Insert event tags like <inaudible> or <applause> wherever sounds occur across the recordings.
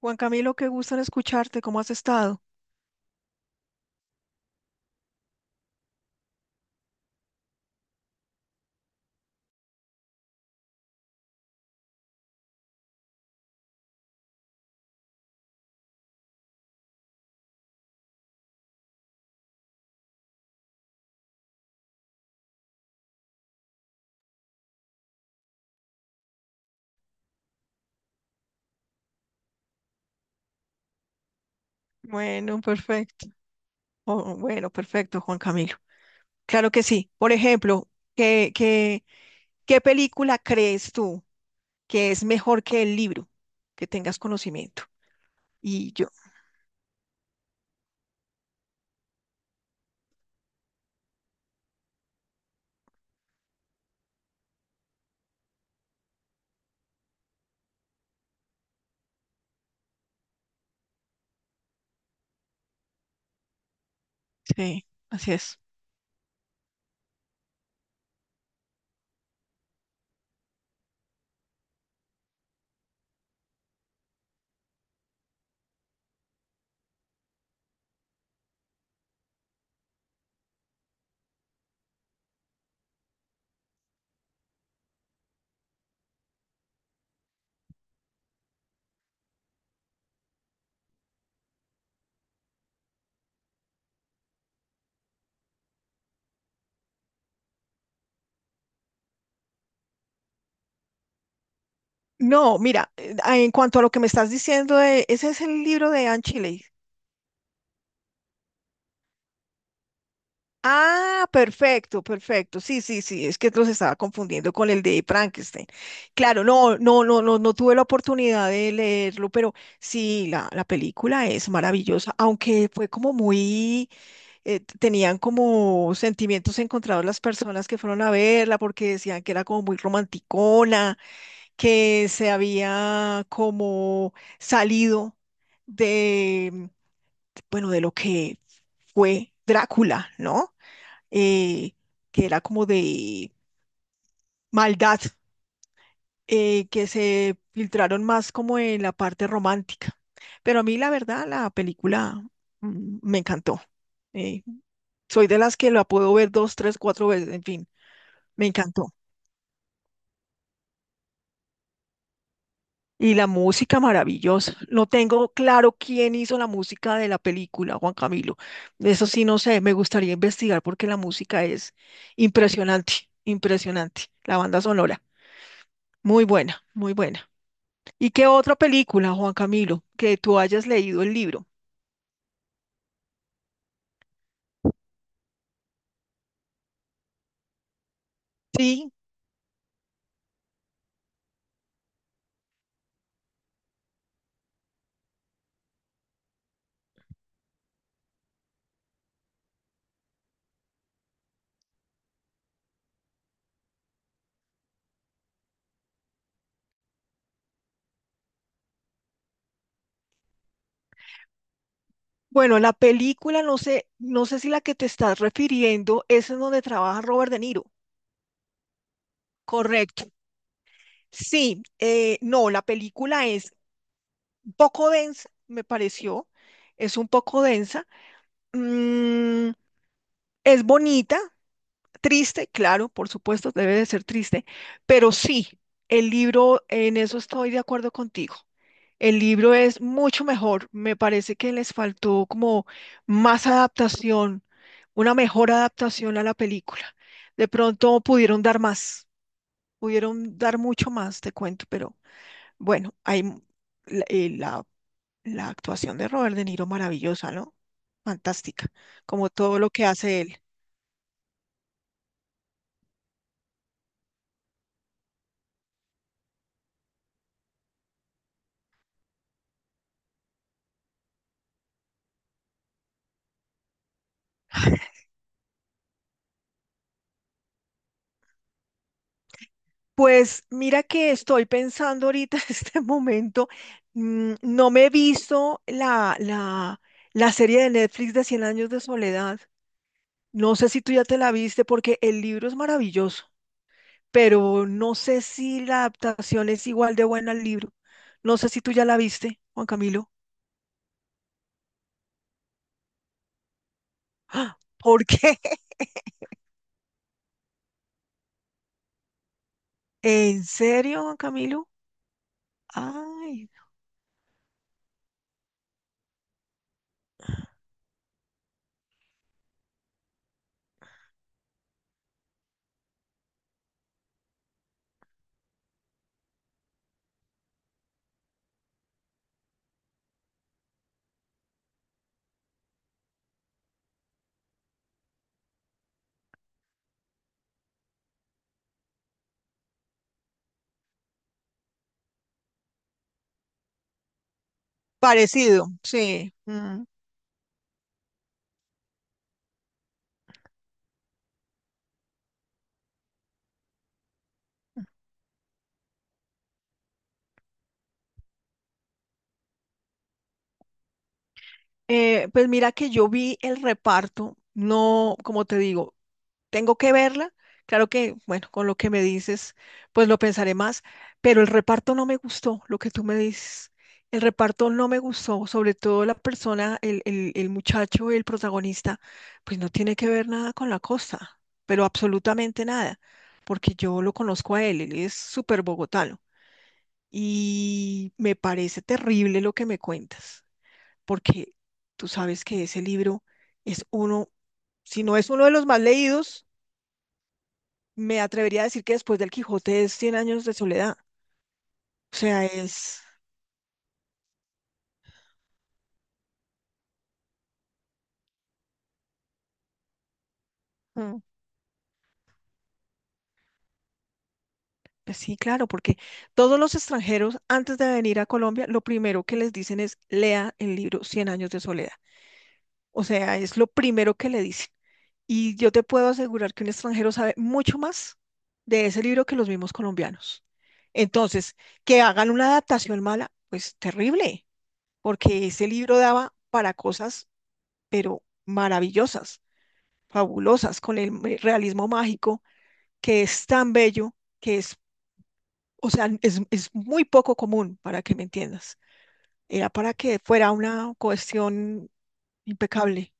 Juan Camilo, qué gusto en escucharte. ¿Cómo has estado? Bueno, perfecto. Oh, bueno, perfecto, Juan Camilo. Claro que sí. Por ejemplo, ¿qué, qué, qué película crees tú que es mejor que el libro? Que tengas conocimiento. Y yo, sí, así es. No, mira, en cuanto a lo que me estás diciendo, ese es el libro de Anne Shirley. Ah, perfecto, perfecto. Sí, sí, sí, es que los estaba confundiendo con el de Frankenstein. Claro, no, no, no, no, no tuve la oportunidad de leerlo, pero sí, la película es maravillosa, aunque fue como muy, tenían como sentimientos encontrados las personas que fueron a verla, porque decían que era como muy romanticona, que se había como salido de, bueno, de lo que fue Drácula, ¿no? eh, que era como de maldad. Que se filtraron más como en la parte romántica. Pero a mí la verdad la película me encantó. Eh, Soy de las que la puedo ver dos, tres, cuatro veces, en fin, me encantó. Y la música maravillosa. No tengo claro quién hizo la música de la película, Juan Camilo. Eso sí, no sé, me gustaría investigar porque la música es impresionante, impresionante. La banda sonora, muy buena, muy buena. ¿Y qué otra película, Juan Camilo, que tú hayas leído el libro? Sí, bueno, la película, no sé si la que te estás refiriendo es en donde trabaja Robert De Niro. Correcto. Sí, no, la película es un poco densa, me pareció, es un poco densa. Mm, es bonita, triste, claro, por supuesto, debe de ser triste, pero sí, el libro, en eso estoy de acuerdo contigo. El libro es mucho mejor. Me parece que les faltó como más adaptación, una mejor adaptación a la película. De pronto pudieron dar más, pudieron dar mucho más, te cuento, pero bueno, hay m- la, la- la actuación de Robert De Niro maravillosa, ¿no? Fantástica, como todo lo que hace él. Pues mira que estoy pensando ahorita <laughs> en este momento, no me he visto la serie de Netflix de Cien años de soledad. No sé si tú ya te la viste porque el libro es maravilloso, pero no sé si la adaptación es igual de buena al libro. No sé si tú ya la viste, Juan Camilo. ¡Ah! ¿Por qué? <laughs> ¿En serio, Juan Camilo? Ay, parecido, sí. Mm. Pues mira que yo vi el reparto, no, como te digo, tengo que verla. Claro que, bueno, con lo que me dices, pues lo pensaré más, pero el reparto no me gustó, lo que tú me dices. El reparto no me gustó, sobre todo la persona, el muchacho, el protagonista, pues no tiene que ver nada con la costa, pero absolutamente nada, porque yo lo conozco a él, él es súper bogotano y me parece terrible lo que me cuentas, porque tú sabes que ese libro es uno, si no es uno de los más leídos, me atrevería a decir que después del Quijote es Cien años de soledad. O sea, es, mm, pues sí, claro, porque todos los extranjeros antes de venir a Colombia, lo primero que les dicen es lea el libro Cien años de soledad. O sea, es lo primero que le dicen. Y yo te puedo asegurar que un extranjero sabe mucho más de ese libro que los mismos colombianos. Entonces, que hagan una adaptación mala, pues terrible, porque ese libro daba para cosas, pero maravillosas, fabulosas con el realismo mágico, que es tan bello, que es, o sea, es muy poco común, para que me entiendas. Era para que fuera una cuestión impecable.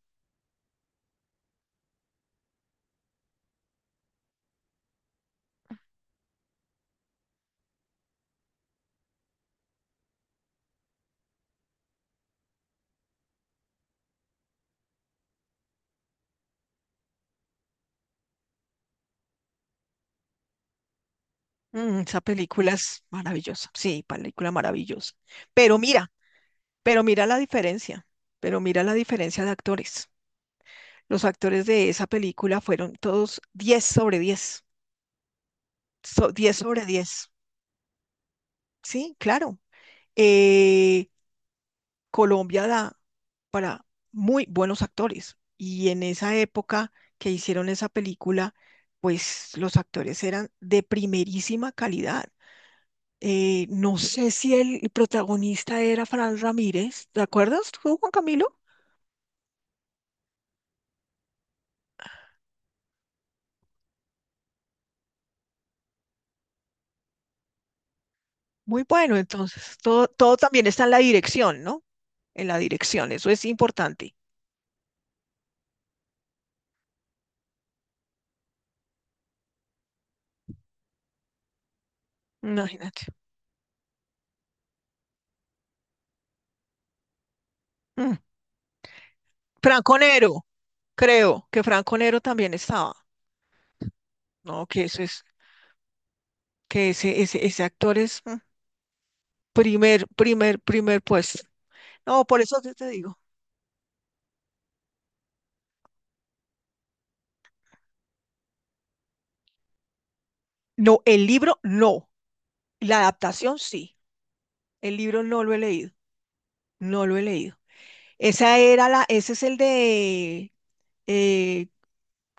Esa película es maravillosa, sí, película maravillosa. Pero mira, pero mira la diferencia, pero mira la diferencia de actores. Los actores de esa película fueron todos diez sobre 10 10 sobre diez, sí, claro. Eh, Colombia da para muy buenos actores. Y en esa época que hicieron esa película, pues los actores eran de primerísima calidad. No sé si el protagonista era Fran Ramírez, ¿te acuerdas tú, Juan Camilo? Muy bueno, entonces, todo también está en la dirección, ¿no? En la dirección, eso es importante. Imagínate. Mm. Franco Nero, creo que Franco Nero también estaba, ¿no? Que eso es, que ese actor es, primer puesto. No, por eso te digo. No, el libro no. La adaptación sí. El libro no lo he leído. No lo he leído. Ese es el de, eh,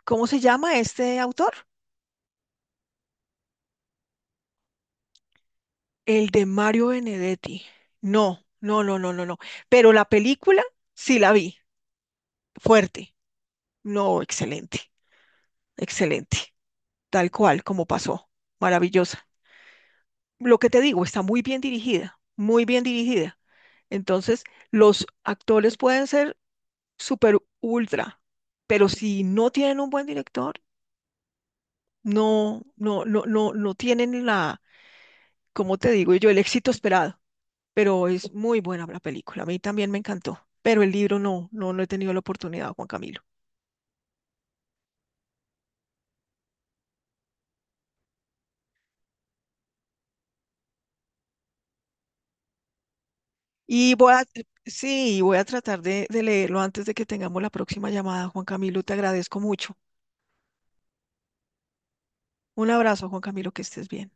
¿cómo se llama este autor? El de Mario Benedetti. No, no, no, no, no, no. Pero la película sí la vi. Fuerte. No, excelente, excelente. Tal cual como pasó. Maravillosa. Lo que te digo, está muy bien dirigida, muy bien dirigida. Entonces, los actores pueden ser super ultra, pero si no tienen un buen director, no, no, no, no, no tienen la, como te digo yo, el éxito esperado. Pero es muy buena la película. A mí también me encantó. Pero el libro no, no, no he tenido la oportunidad, Juan Camilo. Y voy a, sí, voy a tratar de, leerlo antes de que tengamos la próxima llamada, Juan Camilo. Te agradezco mucho. Un abrazo, Juan Camilo, que estés bien.